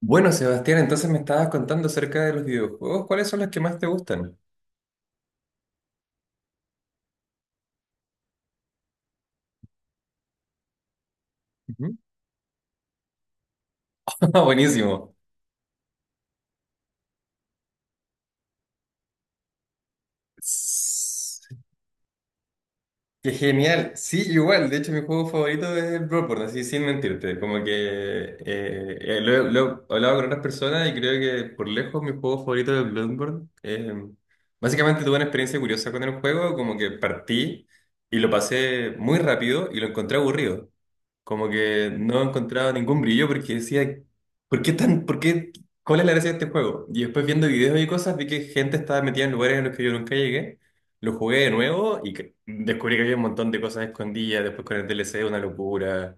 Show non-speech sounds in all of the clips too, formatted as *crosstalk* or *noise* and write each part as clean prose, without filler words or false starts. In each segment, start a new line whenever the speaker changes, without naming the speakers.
Bueno, Sebastián, entonces me estabas contando acerca de los videojuegos. ¿Cuáles son los que más te gustan? Ujú. *laughs* Buenísimo. S- Qué genial. Sí, igual. De hecho, mi juego favorito es el Bloodborne, así sin mentirte. Como que lo he hablado con otras personas y creo que por lejos mi juego favorito es Bloodborne. Básicamente tuve una experiencia curiosa con el juego, como que partí y lo pasé muy rápido y lo encontré aburrido. Como que no encontraba ningún brillo porque decía, ¿por qué, cuál es la gracia de este juego? Y después viendo videos y cosas vi que gente estaba metida en lugares en los que yo nunca llegué. Lo jugué de nuevo y descubrí que había un montón de cosas escondidas. Después con el DLC, una locura.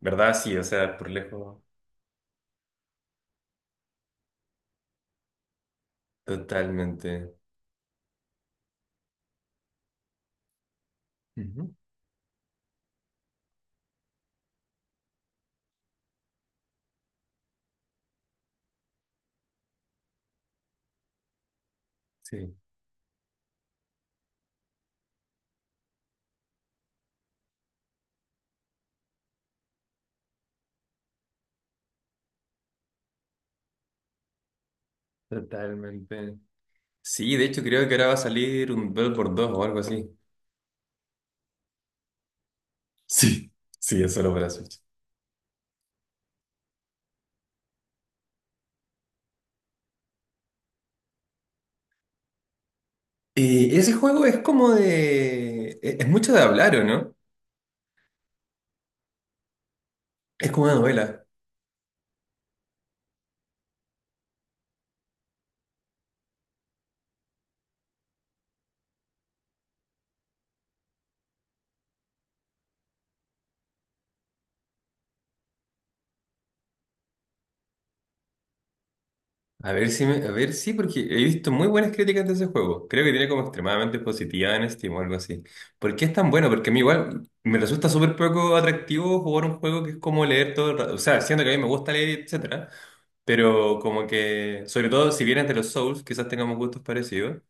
¿Verdad? Sí, o sea, por lejos, totalmente. Ujú. Sí, totalmente. Sí, de hecho creo que ahora va a salir un Bloodborne dos o algo así. Sí, sí, es solo para Switch. Y ese juego es como de... Es mucho de hablar, ¿o no? Es como una novela. A ver si me- A ver, sí, porque he visto muy buenas críticas de ese juego. Creo que tiene como extremadamente positiva en Steam o algo así. ¿Por qué es tan bueno? Porque a mí igual me resulta súper poco atractivo jugar un juego que es como leer todo el rato. O sea, siendo que a mí me gusta leer, etcétera. Pero como que, sobre todo si vienes de los Souls, quizás tengamos gustos parecidos.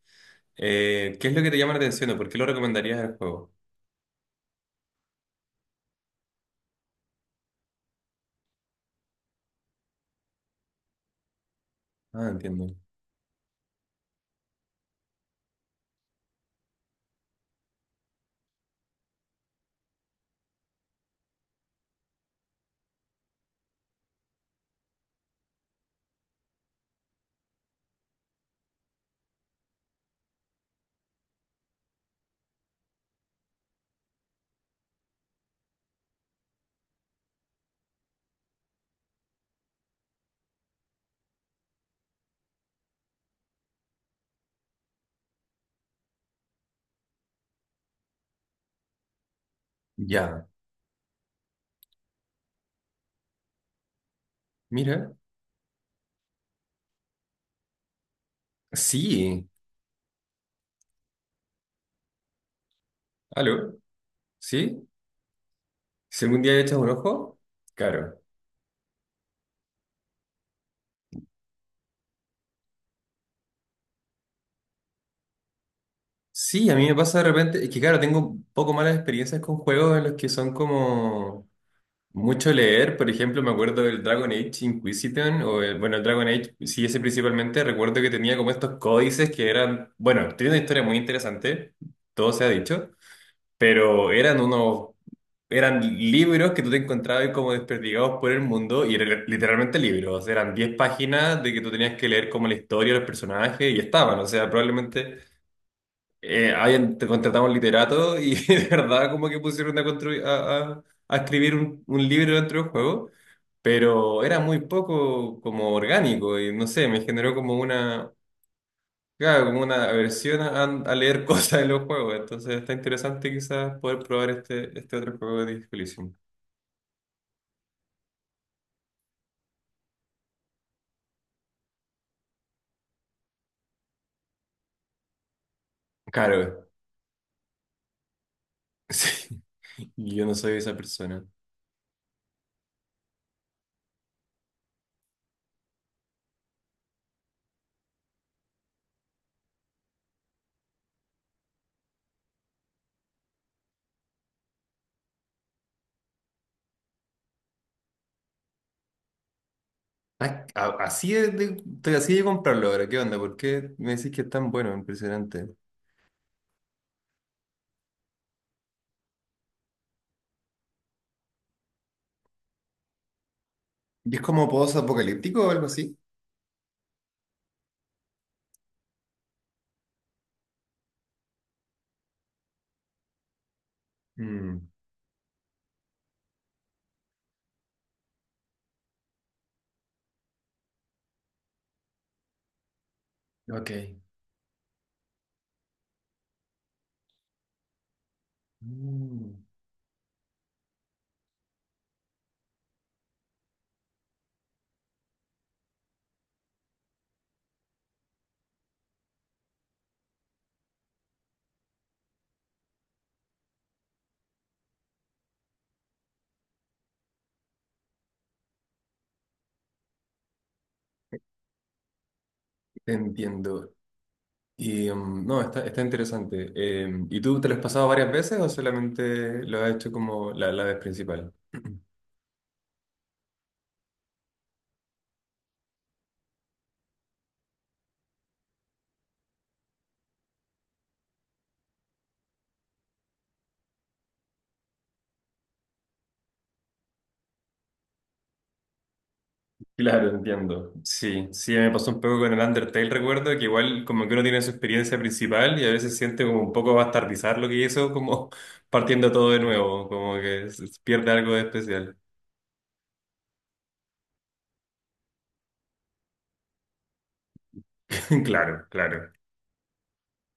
¿Qué es lo que te llama la atención o por qué lo recomendarías al juego? Ah, entiendo. Ya. Mira. Sí. ¿Aló? ¿Sí? Si algún día echas un ojo, claro. Sí, a mí me pasa de repente, es que claro, tengo un poco malas experiencias con juegos en los que son como mucho leer, por ejemplo, me acuerdo del Dragon Age Inquisition, o el, bueno, el Dragon Age, sí, ese principalmente, recuerdo que tenía como estos códices que eran, bueno, tiene una historia muy interesante, todo se ha dicho, pero eran unos, eran libros que tú te encontrabas como desperdigados por el mundo y eran literalmente libros, eran 10 páginas de que tú tenías que leer como la historia, los personajes y estaban, o sea, probablemente hayan te contratado un literato y *laughs* de verdad como que pusieron a, construir, a escribir un libro dentro del juego. Pero era muy poco como orgánico y no sé, me generó como una, claro, como una aversión a leer *laughs* cosas en los juegos. Entonces está interesante quizás poder probar este, este otro juego de Disco Elysium. Claro, *laughs* sí, yo no soy esa persona. Ah, así de, estoy así de comprarlo ahora. ¿Qué onda? ¿Por qué me decís que es tan bueno? Impresionante. ¿Y es como post-apocalíptico o algo así? Mm, ok. Mm, te entiendo. Y no, está, está interesante. ¿Y tú te lo has pasado varias veces o solamente lo has hecho como la vez principal? Claro, entiendo. Sí, sí, me pasó un poco con el Undertale, recuerdo que igual como que uno tiene su experiencia principal y a veces siente como un poco bastardizar lo que hizo, como *laughs* partiendo todo de nuevo, como que se pierde algo de especial. *laughs* Claro, claro.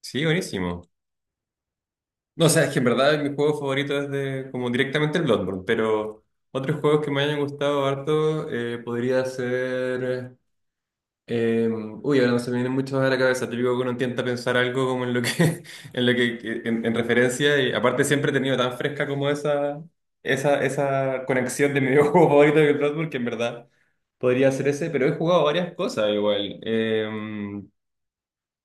Sí, buenísimo. No, o sea, es que en verdad mi juego favorito es de, como directamente el Bloodborne, pero otros juegos que me hayan gustado harto podría ser... Eh, uy, ahora no se me vienen muchos a la cabeza. Típico que uno intenta pensar algo como en lo que, *laughs* en lo que, en referencia. Y aparte siempre he tenido tan fresca como esa conexión de mi videojuego *laughs* favorito de Bloodborne, que en verdad podría ser ese, pero he jugado varias cosas igual.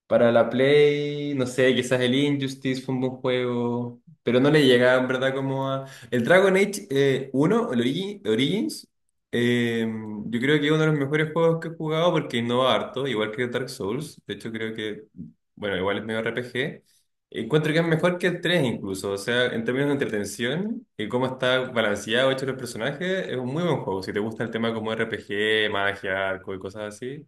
Para la Play, no sé, quizás el Injustice fue un buen juego, pero no le llegaba en verdad como a... El Dragon Age 1, el Origins, eh, yo creo que es uno de los mejores juegos que he jugado porque innova harto, igual que Dark Souls. De hecho, creo que, bueno, igual es medio RPG. Encuentro que es mejor que el 3 incluso, o sea, en términos de entretención y cómo está balanceado, hecho los personajes, es un muy buen juego. Si te gusta el tema como RPG, magia, arco y cosas así,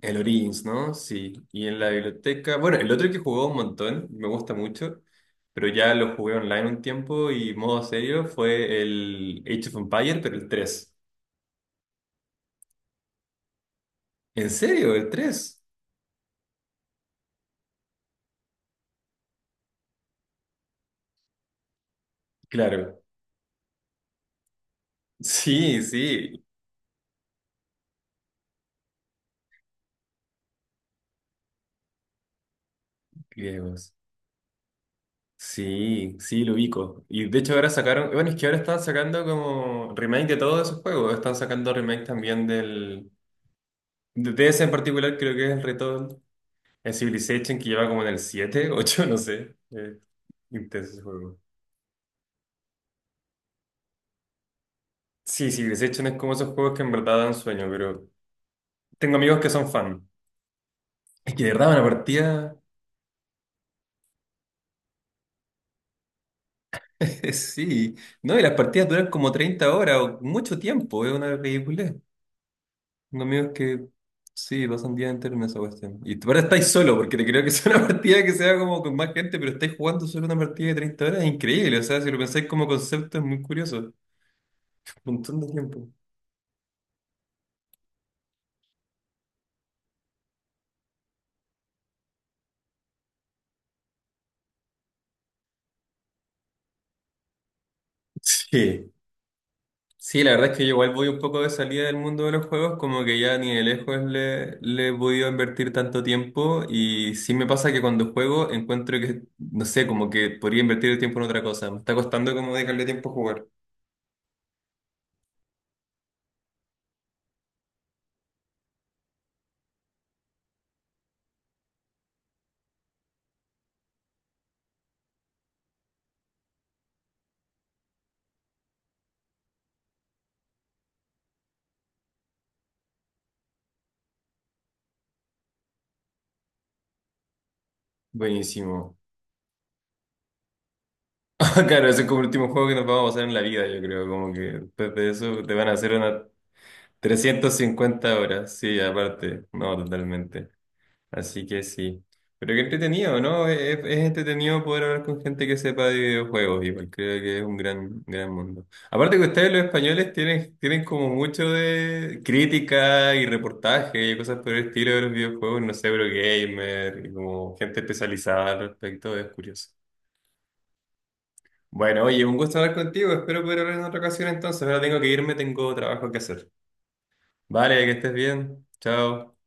el Origins, ¿no? Sí. Y en la biblioteca, bueno, el otro que jugó un montón, me gusta mucho, pero ya lo jugué online un tiempo y modo serio fue el Age of Empires, pero el 3. ¿En serio? ¿El 3? Claro. *laughs* Sí, sí. Griegos. Sí, sí, lo ubico. Y de hecho ahora sacaron, bueno, es que ahora están sacando como remake de todos esos juegos. Están sacando remake también del... de ese en particular creo que es el reto, el Civilization que lleva como en el 7, *laughs* 8, no sé. Intenso ese juego. Sí, sí, Civilization es como esos juegos que en verdad dan sueño, pero tengo amigos que son fan. Es que de verdad una partida, *laughs* sí, no, y las partidas duran como 30 horas o mucho tiempo, es una ridiculez. Tengo amigos que, sí, pasan día entero en esa cuestión. Y ahora estáis solo, porque te creo que es una *laughs* partida que sea como con más gente, pero estáis jugando solo una partida de 30 horas, es increíble, o sea, si lo pensáis como concepto es muy curioso. Un montón de tiempo. Sí. Sí, la verdad es que yo igual voy un poco de salida del mundo de los juegos, como que ya ni de lejos le he podido invertir tanto tiempo y sí me pasa que cuando juego encuentro que, no sé, como que podría invertir el tiempo en otra cosa. Me está costando como dejarle tiempo a jugar. Buenísimo. *laughs* Claro, ese es como el último juego que nos vamos a pasar en la vida, yo creo, como que después de eso te van a hacer unas 350 horas, sí, aparte, no, totalmente. Así que sí. Pero qué entretenido, ¿no? Es entretenido poder hablar con gente que sepa de videojuegos, igual creo que es un gran, gran mundo. Aparte que ustedes los españoles tienen, tienen como mucho de crítica y reportaje y cosas por el estilo de los videojuegos, no sé, Eurogamer, y como gente especializada al respecto, es curioso. Bueno, oye, un gusto hablar contigo, espero poder hablar en otra ocasión entonces, ahora tengo que irme, tengo trabajo que hacer. Vale, que estés bien, chao.